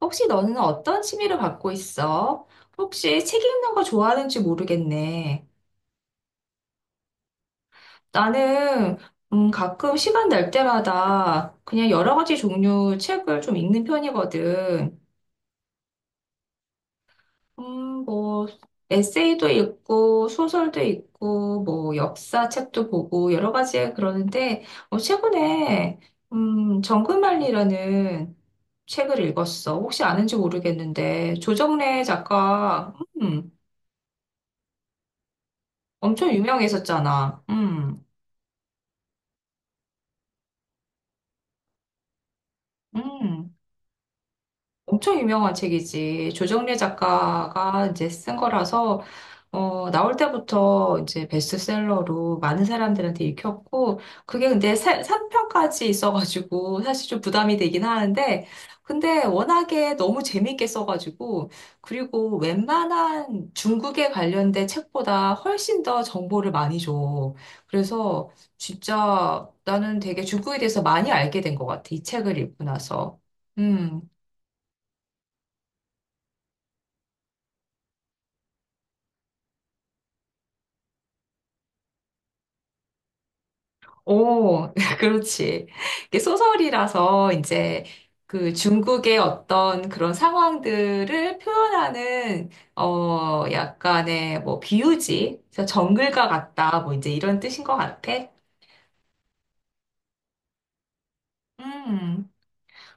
혹시 너는 어떤 취미를 갖고 있어? 혹시 책 읽는 거 좋아하는지 모르겠네. 나는 가끔 시간 날 때마다 그냥 여러 가지 종류 책을 좀 읽는 편이거든. 뭐 에세이도 읽고 소설도 읽고 뭐 역사 책도 보고 여러 가지 그러는데 최근에 정글만리라는 책을 읽었어. 혹시 아는지 모르겠는데 조정래 작가 음, 엄청 유명했었잖아. 음. 엄청 유명한 책이지. 조정래 작가가 이제 쓴 거라서, 나올 때부터 이제 베스트셀러로 많은 사람들한테 읽혔고, 그게 근데 3편까지 있어가지고, 사실 좀 부담이 되긴 하는데, 근데 워낙에 너무 재밌게 써가지고, 그리고 웬만한 중국에 관련된 책보다 훨씬 더 정보를 많이 줘. 그래서 진짜 나는 되게 중국에 대해서 많이 알게 된 것 같아. 이 책을 읽고 나서. 음. 오, 그렇지. 이게 소설이라서 이제 그 중국의 어떤 그런 상황들을 표현하는 약간의 뭐 비유지, 그래서 정글과 같다, 뭐 이제 이런 뜻인 것 같아. 음.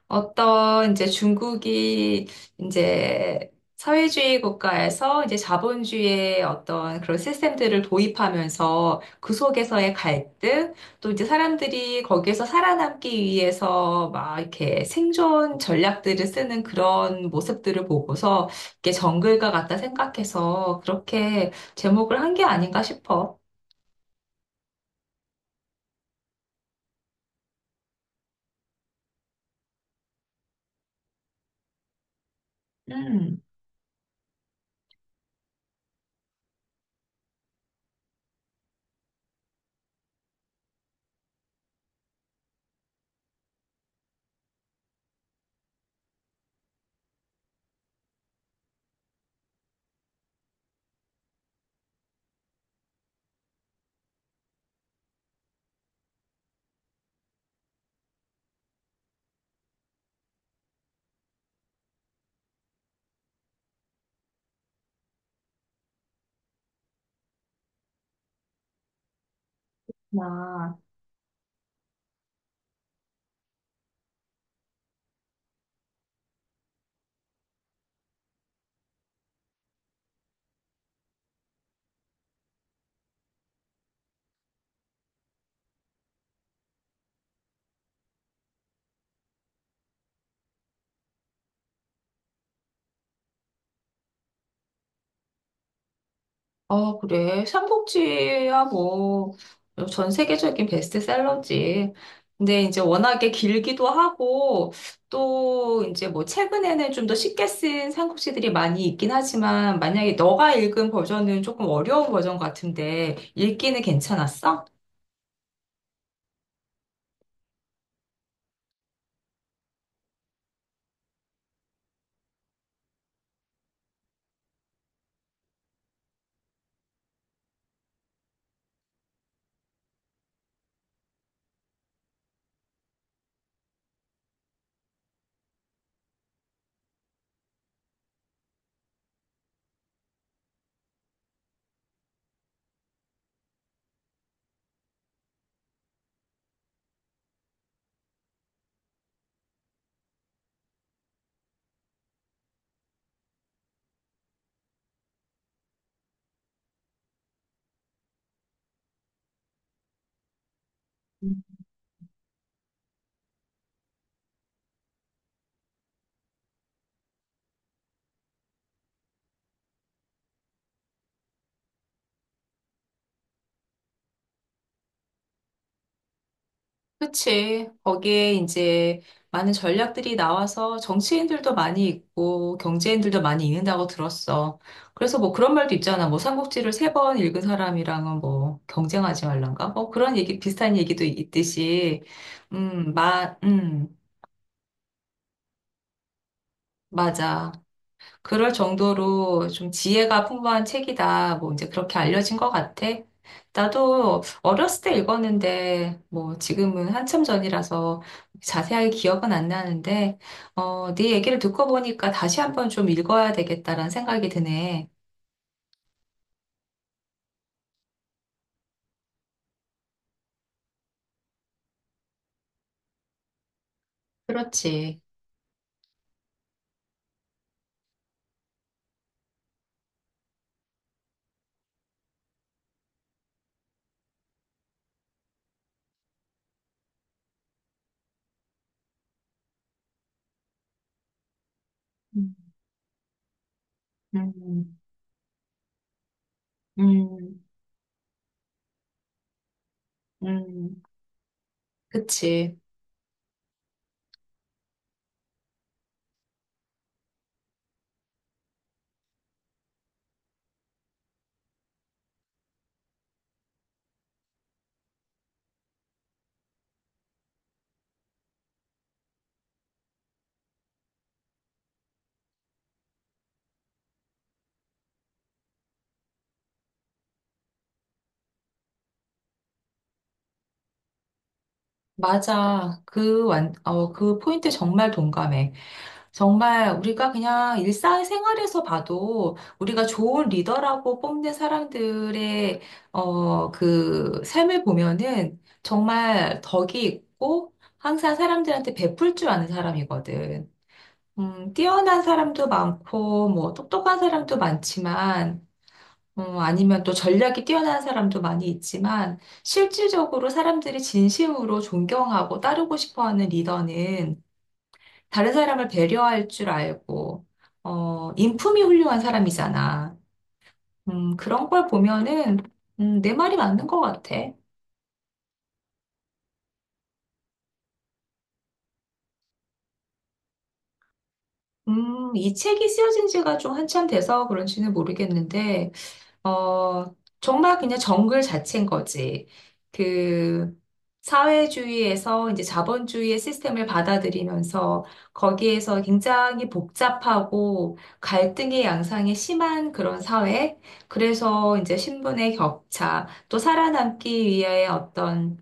어떤 이제 중국이 이제 사회주의 국가에서 이제 자본주의의 어떤 그런 시스템들을 도입하면서 그 속에서의 갈등, 또 이제 사람들이 거기에서 살아남기 위해서 막 이렇게 생존 전략들을 쓰는 그런 모습들을 보고서 이게 정글과 같다 생각해서 그렇게 제목을 한 게 아닌가 싶어. 음. 나. 아, 그래. 삼복지야, 뭐, 전 세계적인 베스트셀러지. 근데 이제 워낙에 길기도 하고, 또 이제 뭐 최근에는 좀 더 쉽게 쓴 삼국지들이 많이 있긴 하지만, 만약에 너가 읽은 버전은 조금 어려운 버전 같은데, 읽기는 괜찮았어? 그치. 거기에 이제 많은 전략들이 나와서 정치인들도 많이 있고 경제인들도 많이 있는다고 들었어. 그래서 뭐 그런 말도 있잖아. 뭐 삼국지를 세 번 읽은 사람이랑은 뭐 경쟁하지 말란가? 뭐 그런 얘기, 비슷한 얘기도 있듯이. 음, 마, 음, 맞아. 그럴 정도로 좀 지혜가 풍부한 책이다. 뭐 이제 그렇게 알려진 것 같아. 나도 어렸을 때 읽었는데 뭐 지금은 한참 전이라서 자세하게 기억은 안 나는데 네 얘기를 듣고 보니까 다시 한번 좀 읽어야 되겠다라는 생각이 드네. 그렇지. 음. 음, 음, 음, 그치. 맞아. 그 포인트 정말 동감해. 정말 우리가 그냥 일상생활에서 봐도 우리가 좋은 리더라고 뽐낸 사람들의 그 삶을 보면은 정말 덕이 있고 항상 사람들한테 베풀 줄 아는 사람이거든. 뛰어난 사람도 많고 뭐 똑똑한 사람도 많지만 아니면 또 전략이 뛰어난 사람도 많이 있지만 실질적으로 사람들이 진심으로 존경하고 따르고 싶어하는 리더는 다른 사람을 배려할 줄 알고, 인품이 훌륭한 사람이잖아. 그런 걸 보면은, 내 말이 맞는 것 같아. 이 책이 쓰여진 지가 좀 한참 돼서 그런지는 모르겠는데, 어, 정말 그냥 정글 자체인 거지. 그, 사회주의에서 이제 자본주의의 시스템을 받아들이면서 거기에서 굉장히 복잡하고 갈등의 양상이 심한 그런 사회. 그래서 이제 신분의 격차, 또 살아남기 위해 어떤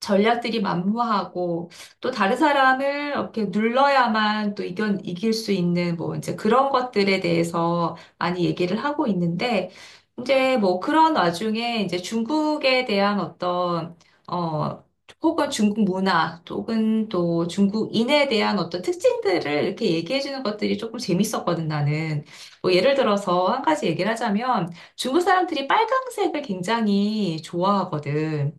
전략들이 만무하고 또 다른 사람을 이렇게 눌러야만 또 이겨, 이길 수 있는 뭐 이제 그런 것들에 대해서 많이 얘기를 하고 있는데 이제 뭐 그런 와중에 이제 중국에 대한 어떤 어 혹은 중국 문화 혹은 또 중국인에 대한 어떤 특징들을 이렇게 얘기해 주는 것들이 조금 재밌었거든 나는 뭐 예를 들어서 한 가지 얘기를 하자면 중국 사람들이 빨강색을 굉장히 좋아하거든.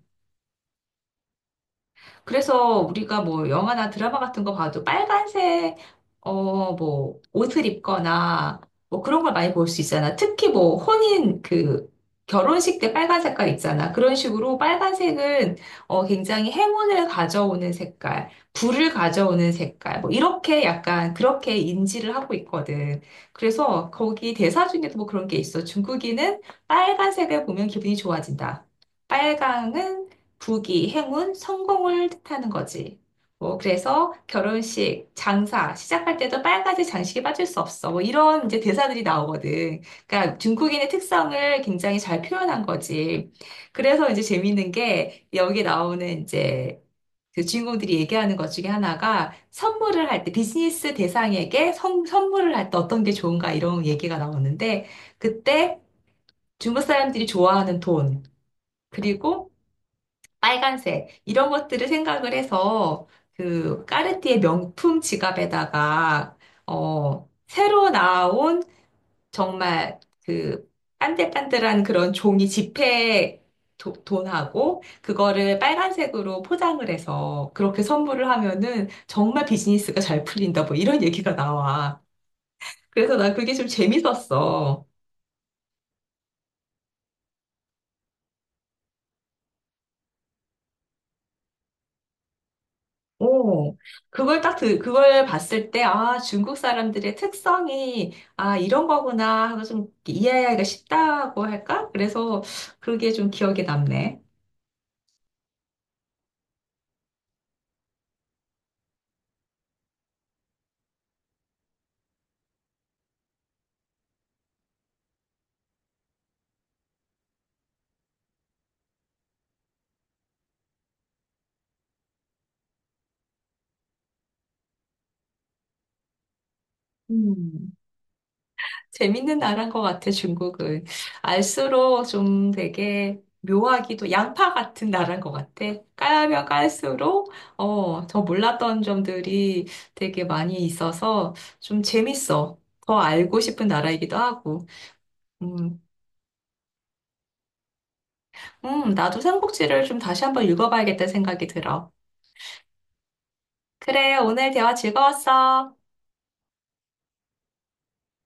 그래서 우리가 뭐 영화나 드라마 같은 거 봐도 빨간색, 뭐 옷을 입거나 뭐 그런 걸 많이 볼 수 있잖아. 특히 뭐 혼인 그 결혼식 때 빨간 색깔 있잖아. 그런 식으로 빨간색은 굉장히 행운을 가져오는 색깔, 불을 가져오는 색깔, 뭐 이렇게 약간 그렇게 인지를 하고 있거든. 그래서 거기 대사 중에도 뭐 그런 게 있어. 중국인은 빨간색을 보면 기분이 좋아진다. 빨강은 부귀, 행운, 성공을 뜻하는 거지. 뭐, 그래서 결혼식, 장사, 시작할 때도 빨간색 장식에 빠질 수 없어. 뭐, 이런 이제 대사들이 나오거든. 그러니까 중국인의 특성을 굉장히 잘 표현한 거지. 그래서 이제 재밌는 게 여기 나오는 이제 그 주인공들이 얘기하는 것 중에 하나가 선물을 할 때, 비즈니스 대상에게 선, 선물을 할 때 어떤 게 좋은가 이런 얘기가 나오는데, 그때 중국 사람들이 좋아하는 돈, 그리고 빨간색 이런 것들을 생각을 해서 그 까르띠에 명품 지갑에다가 새로 나온 정말 그 빤들빤들한 그런 종이 지폐 도- 돈하고 그거를 빨간색으로 포장을 해서 그렇게 선물을 하면은 정말 비즈니스가 잘 풀린다 뭐 이런 얘기가 나와. 그래서 난 그게 좀 재밌었어. 오, 그걸 딱 들, 그걸 봤을 때, 아, 중국 사람들의 특성이, 아, 이런 거구나 하고 좀 이해하기가 쉽다고 할까? 그래서 그게 좀 기억에 남네. 음, 재밌는 나라인 것 같아, 중국은. 알수록 좀 되게 묘하기도, 양파 같은 나라인 것 같아. 까면 깔수록, 더 몰랐던 점들이 되게 많이 있어서 좀 재밌어. 더 알고 싶은 나라이기도 하고. 음, 나도 삼국지를 좀 다시 한번 읽어봐야겠다는 생각이 들어. 그래, 오늘 대화 즐거웠어.